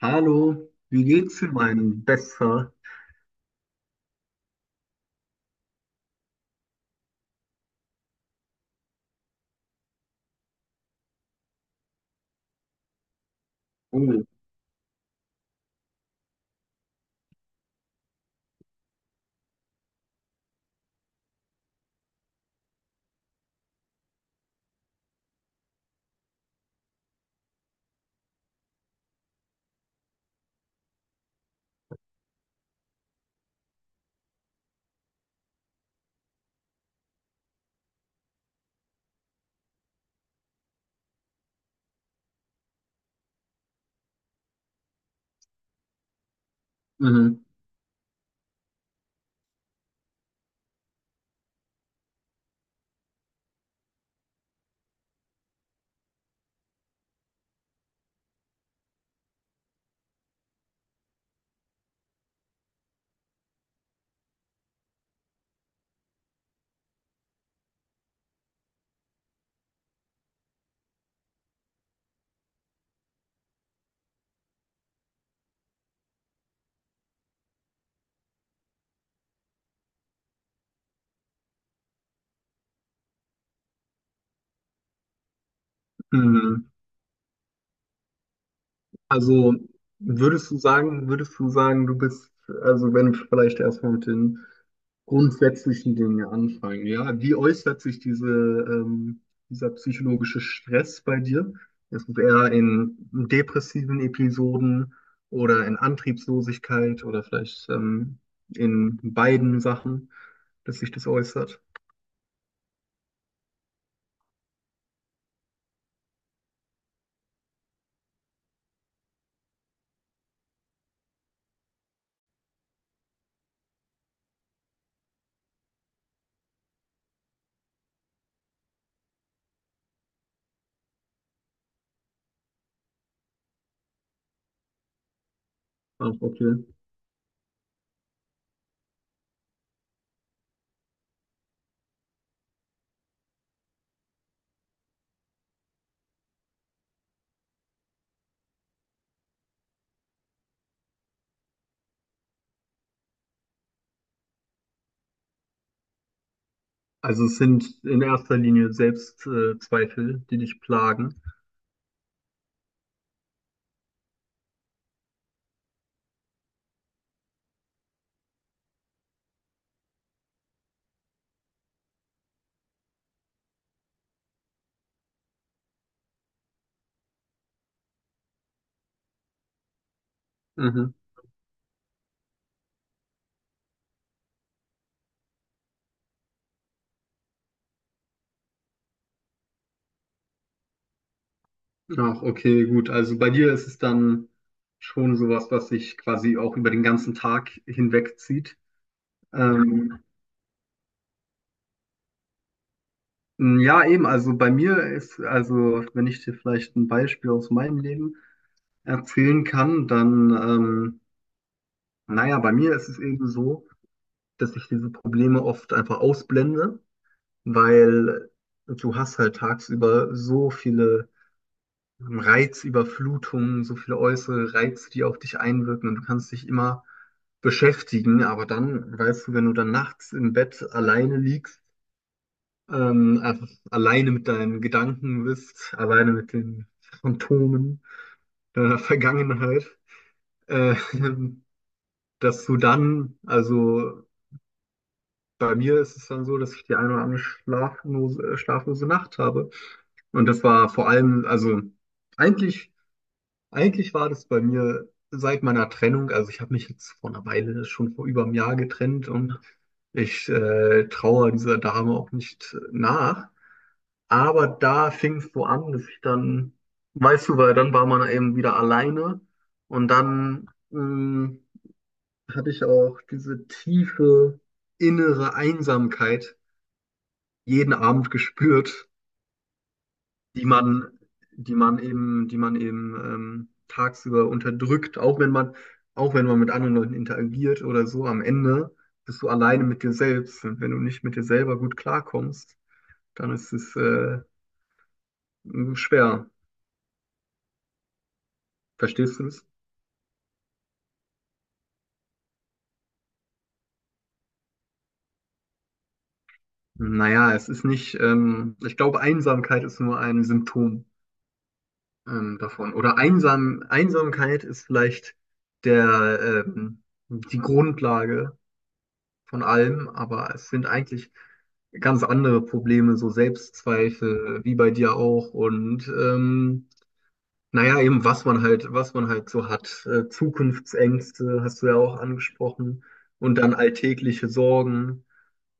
Hallo, wie geht's dir meinem Besser? Oh. Mhm. Mhm. Also würdest du sagen, also wenn wir vielleicht erstmal mit den grundsätzlichen Dingen anfangen, ja, wie äußert sich dieser psychologische Stress bei dir? Ist es eher in depressiven Episoden oder in Antriebslosigkeit oder vielleicht in beiden Sachen, dass sich das äußert? Ach, okay. Also es sind in erster Linie Selbstzweifel, Zweifel, die dich plagen. Mhm. Ach, okay, gut. Also bei dir ist es dann schon sowas, was sich quasi auch über den ganzen Tag hinwegzieht. Ähm, ja, eben. Also bei mir ist, also wenn ich dir vielleicht ein Beispiel aus meinem Leben erzählen kann, naja, bei mir ist es eben so, dass ich diese Probleme oft einfach ausblende, weil du hast halt tagsüber so viele Reizüberflutungen, so viele äußere Reize, die auf dich einwirken und du kannst dich immer beschäftigen, aber dann, weißt du, wenn du dann nachts im Bett alleine liegst, einfach alleine mit deinen Gedanken bist, alleine mit den Phantomen deiner Vergangenheit, äh, dass du dann, also bei mir ist es dann so, dass ich die eine oder andere schlaflose Nacht habe. Und das war vor allem, also eigentlich, eigentlich war das bei mir seit meiner Trennung, also ich habe mich jetzt vor einer Weile, schon vor über einem Jahr getrennt und ich traue dieser Dame auch nicht nach. Aber da fing es so an, dass ich dann, weißt du, weil dann war man eben wieder alleine und hatte ich auch diese tiefe innere Einsamkeit jeden Abend gespürt, die man, die man eben tagsüber unterdrückt, auch wenn man mit anderen Leuten interagiert oder so, am Ende bist du alleine mit dir selbst. Und wenn du nicht mit dir selber gut klarkommst, dann ist es schwer. Verstehst du es? Naja, es ist nicht, ich glaube, Einsamkeit ist nur ein Symptom davon. Oder Einsamkeit ist vielleicht der, ähm, die Grundlage von allem, aber es sind eigentlich ganz andere Probleme, so Selbstzweifel, wie bei dir auch. Und naja, eben was man halt so hat. Zukunftsängste hast du ja auch angesprochen. Und dann alltägliche Sorgen.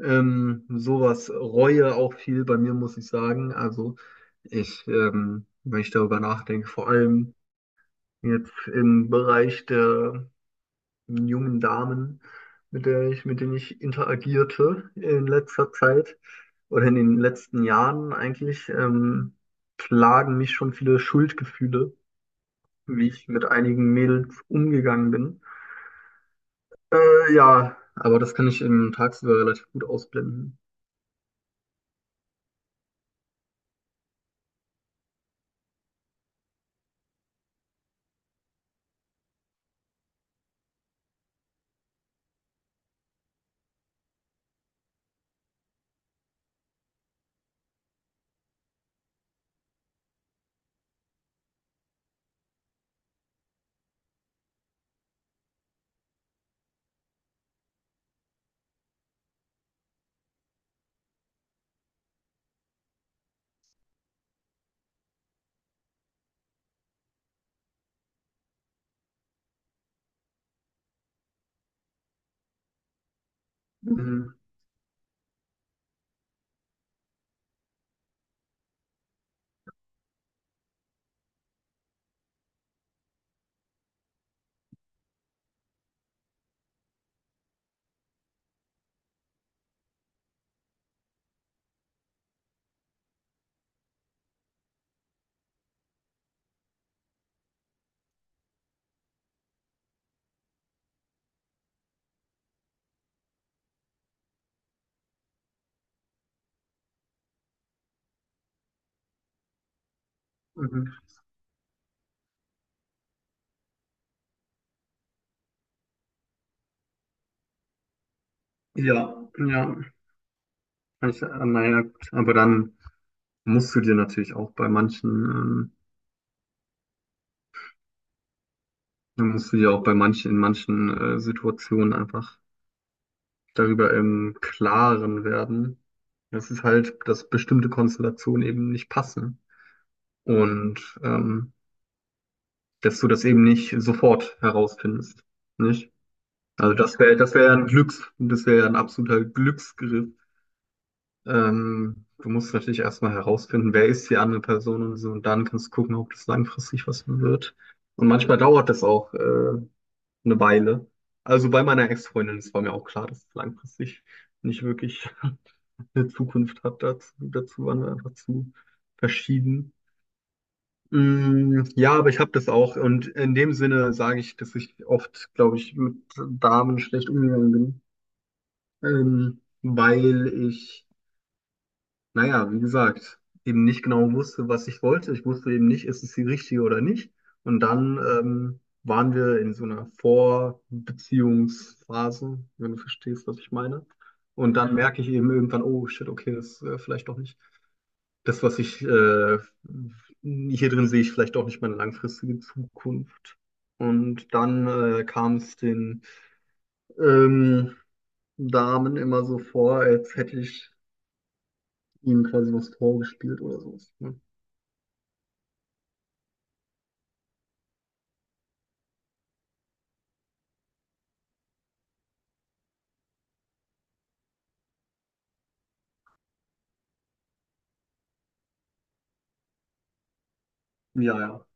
Sowas, Reue auch viel bei mir, muss ich sagen. Also wenn ich darüber nachdenke, vor allem jetzt im Bereich der einen jungen Damen, mit denen ich interagierte in letzter Zeit oder in den letzten Jahren eigentlich, plagen mich schon viele Schuldgefühle, wie ich mit einigen Mädels umgegangen bin. Ja, aber das kann ich im tagsüber relativ gut ausblenden. Mhm. Mhm. Ja, ja. Kann ich, naja, gut. Aber dann musst du dir natürlich auch bei dann musst du dir auch bei manchen, in manchen Situationen einfach darüber im Klaren werden, dass es halt, dass bestimmte Konstellationen eben nicht passen und dass du das eben nicht sofort herausfindest, nicht? Also das wäre ein das wäre ein absoluter Glücksgriff. Du musst natürlich erstmal herausfinden, wer ist die andere Person und so, und dann kannst du gucken, ob das langfristig was wird. Und manchmal dauert das auch eine Weile. Also bei meiner Ex-Freundin, das war mir auch klar, dass es langfristig nicht wirklich eine Zukunft hat. Dazu waren wir einfach zu verschieden. Mm, ja, aber ich habe das auch. Und in dem Sinne sage ich, dass ich oft, glaube ich, mit Damen schlecht umgegangen bin, ähm, weil ich, naja, wie gesagt, eben nicht genau wusste, was ich wollte. Ich wusste eben nicht, ist es die richtige oder nicht. Und dann waren wir in so einer Vorbeziehungsphase, wenn du verstehst, was ich meine. Und dann merke ich eben irgendwann, oh shit, okay, das ist vielleicht doch nicht das, was ich hier drin sehe, ich vielleicht auch nicht meine langfristige Zukunft. Und dann kam es den ähm, Damen immer so vor, als hätte ich ihnen quasi was vorgespielt oder so. Ne? Ja, ja.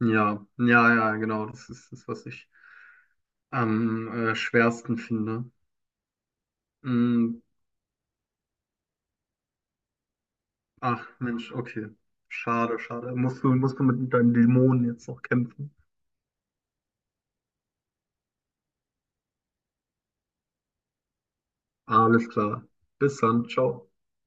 Ja, ja, ja, genau. Das ist das, was ich am schwersten finde. Mm, ach, Mensch, okay. Schade, schade. Musst du mit deinen Dämonen jetzt noch kämpfen. Alles klar. Bis dann. Ciao.